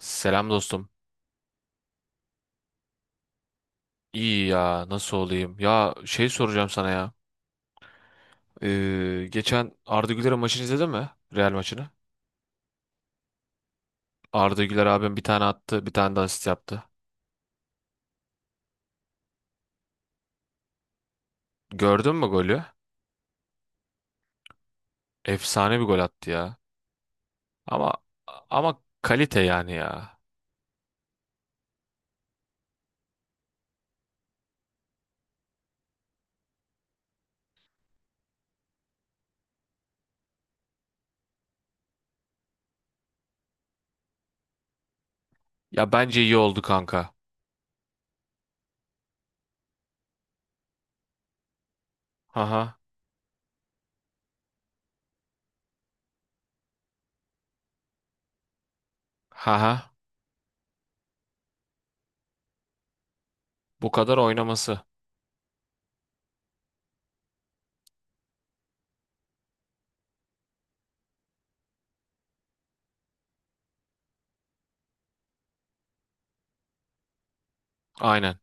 Selam dostum. İyi ya nasıl olayım? Ya şey soracağım sana ya. Geçen Arda Güler'in maçını izledin mi? Real maçını. Arda Güler abim bir tane attı bir tane de asist yaptı. Gördün mü golü? Efsane bir gol attı ya. Ama ama kalite yani ya. Ya bence iyi oldu kanka. Haha. Haha. Bu kadar oynaması. Aynen.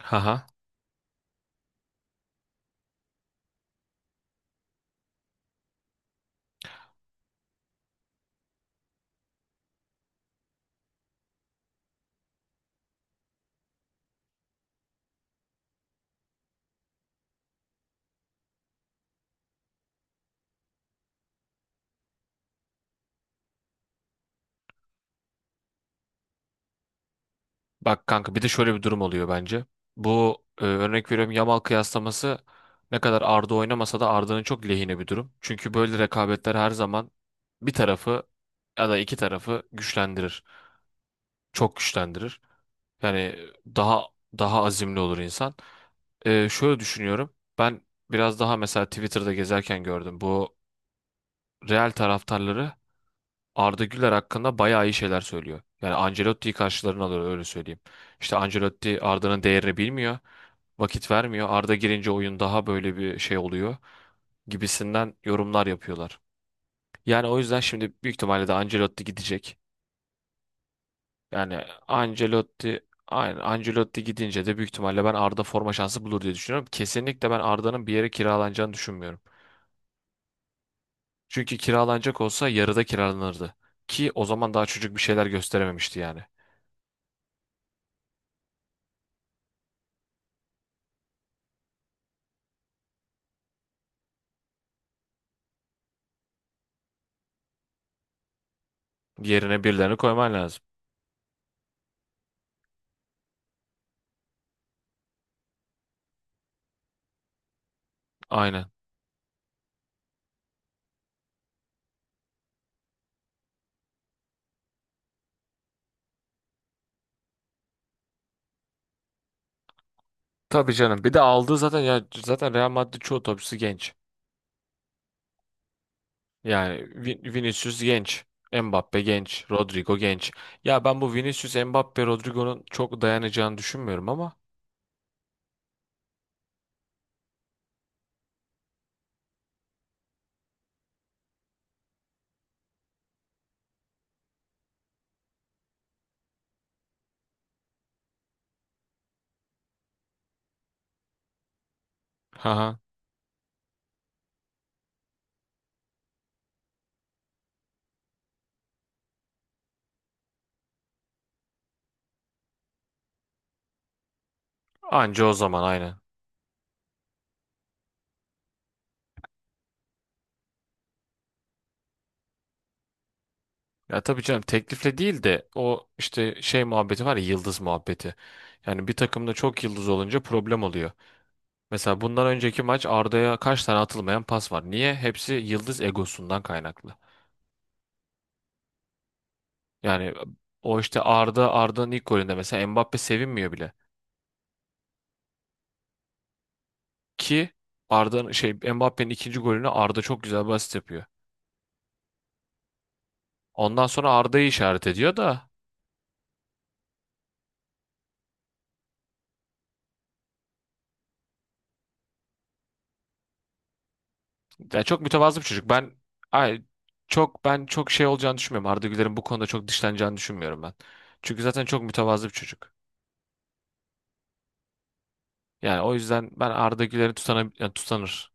Haha. Bak kanka bir de şöyle bir durum oluyor bence. Örnek veriyorum, Yamal kıyaslaması ne kadar Arda oynamasa da Arda'nın çok lehine bir durum. Çünkü böyle rekabetler her zaman bir tarafı ya da iki tarafı güçlendirir. Çok güçlendirir. Yani daha daha azimli olur insan. Şöyle düşünüyorum. Ben biraz daha mesela Twitter'da gezerken gördüm. Bu Real taraftarları Arda Güler hakkında bayağı iyi şeyler söylüyor. Yani Ancelotti'yi karşılarına alıyor, öyle söyleyeyim. İşte Ancelotti Arda'nın değerini bilmiyor, vakit vermiyor. Arda girince oyun daha böyle bir şey oluyor gibisinden yorumlar yapıyorlar. Yani o yüzden şimdi büyük ihtimalle de Ancelotti gidecek. Yani Ancelotti aynı, Ancelotti gidince de büyük ihtimalle ben Arda forma şansı bulur diye düşünüyorum. Kesinlikle ben Arda'nın bir yere kiralanacağını düşünmüyorum. Çünkü kiralanacak olsa yarıda kiralanırdı. Ki o zaman daha çocuk bir şeyler gösterememişti yani. Yerine birilerini koyman lazım. Aynen. Tabii canım. Bir de aldığı zaten, ya zaten Real Madrid çoğu topçusu genç. Yani Vinicius genç. Mbappe genç. Rodrigo genç. Ya ben bu Vinicius, Mbappe, Rodrigo'nun çok dayanacağını düşünmüyorum ama. Haha. Anca o zaman, aynen. Ya tabii canım, teklifle değil de o işte şey muhabbeti var ya, yıldız muhabbeti. Yani bir takımda çok yıldız olunca problem oluyor. Mesela bundan önceki maç Arda'ya kaç tane atılmayan pas var. Niye? Hepsi yıldız egosundan kaynaklı. Yani e, O işte Arda'nın ilk golünde mesela Mbappe sevinmiyor bile. Ki Arda'nın şey, Mbappe'nin ikinci golünü Arda çok güzel bir asist yapıyor. Ondan sonra Arda'yı işaret ediyor da yani çok mütevazı bir çocuk. Ay ben çok şey olacağını düşünmüyorum. Arda Güler'in bu konuda çok dışlanacağını düşünmüyorum ben. Çünkü zaten çok mütevazı bir çocuk. Yani o yüzden ben Arda Güler'i tutana, yani tutanır.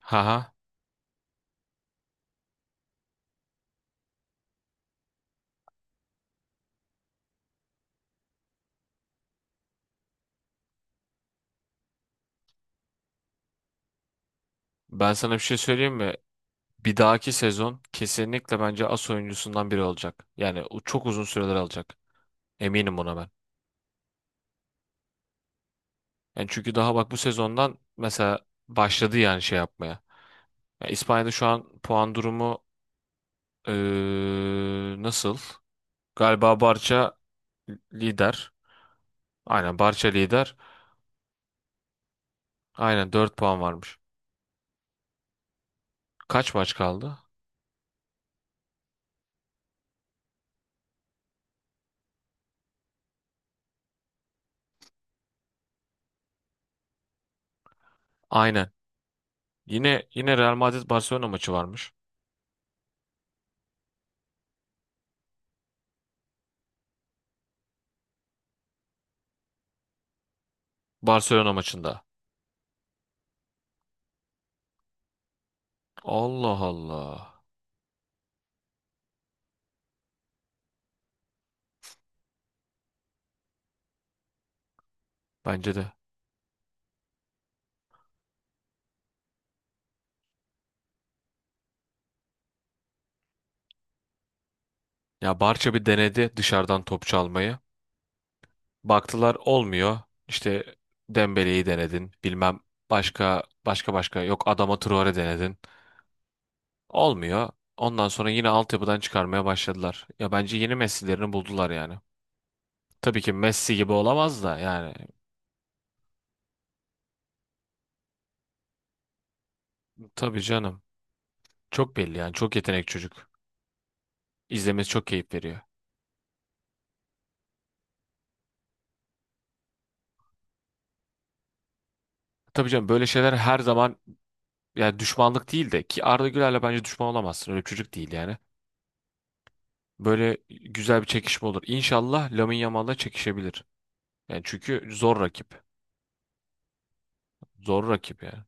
Haha. Ben sana bir şey söyleyeyim mi? Bir dahaki sezon kesinlikle bence as oyuncusundan biri olacak. Yani o çok uzun süreler alacak. Eminim buna ben. Yani çünkü daha bak bu sezondan mesela başladı yani şey yapmaya. Yani İspanya'da şu an puan durumu nasıl? Galiba Barça lider. Aynen Barça lider. Aynen 4 puan varmış. Kaç maç kaldı? Aynen. Yine Real Madrid Barcelona maçı varmış. Barcelona maçında. Allah Allah. Bence de. Ya Barça bir denedi dışarıdan top çalmayı. Baktılar olmuyor. İşte Dembele'yi denedin. Bilmem, başka yok, Adama Traore denedin. Olmuyor. Ondan sonra yine altyapıdan çıkarmaya başladılar. Ya bence yeni Messi'lerini buldular yani. Tabii ki Messi gibi olamaz da yani. Tabii canım. Çok belli yani. Çok yetenek çocuk. İzlemesi çok keyif veriyor. Tabii canım, böyle şeyler her zaman, yani düşmanlık değil de ki Arda Güler'le bence düşman olamazsın. Öyle bir çocuk değil yani. Böyle güzel bir çekişme olur. İnşallah Lamine Yamal'la çekişebilir. Yani çünkü zor rakip. Zor rakip ya.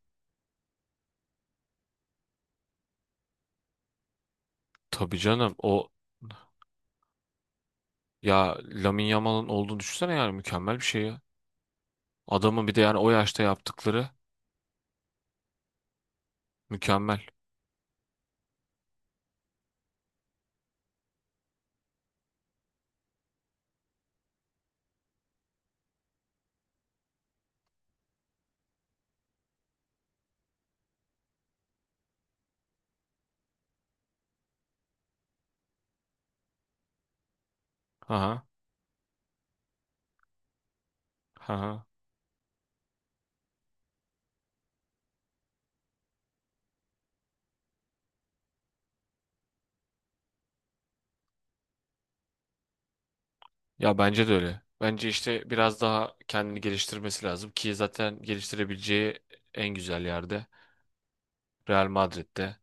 Tabii canım, o ya Lamine Yamal'ın olduğunu düşünsene yani, mükemmel bir şey ya. Adamın bir de yani o yaşta yaptıkları mükemmel. Aha, aha. Ya bence de öyle. Bence işte biraz daha kendini geliştirmesi lazım ki zaten geliştirebileceği en güzel yerde, Real Madrid'de.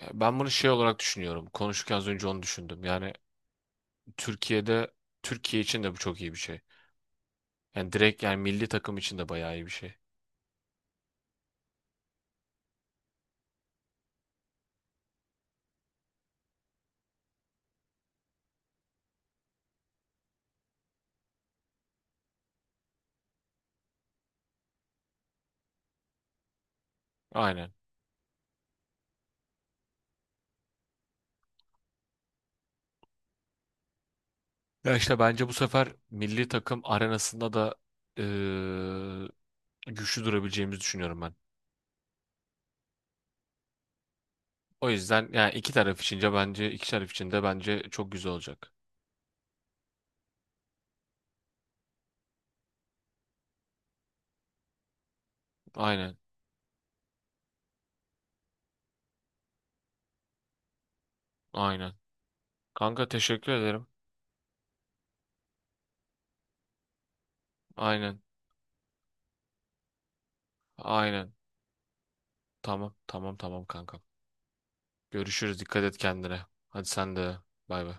Ben bunu şey olarak düşünüyorum. Konuşurken az önce onu düşündüm. Yani Türkiye'de Türkiye için de bu çok iyi bir şey. Yani direkt yani milli takım için de bayağı iyi bir şey. Aynen. Ya işte bence bu sefer milli takım arenasında da eee, güçlü durabileceğimizi düşünüyorum ben. O yüzden yani iki taraf içince bence iki taraf için de bence çok güzel olacak. Aynen. Aynen. Kanka teşekkür ederim. Aynen. Aynen. Tamam. Tamam kanka. Görüşürüz. Dikkat et kendine. Hadi sen de. Bay bay.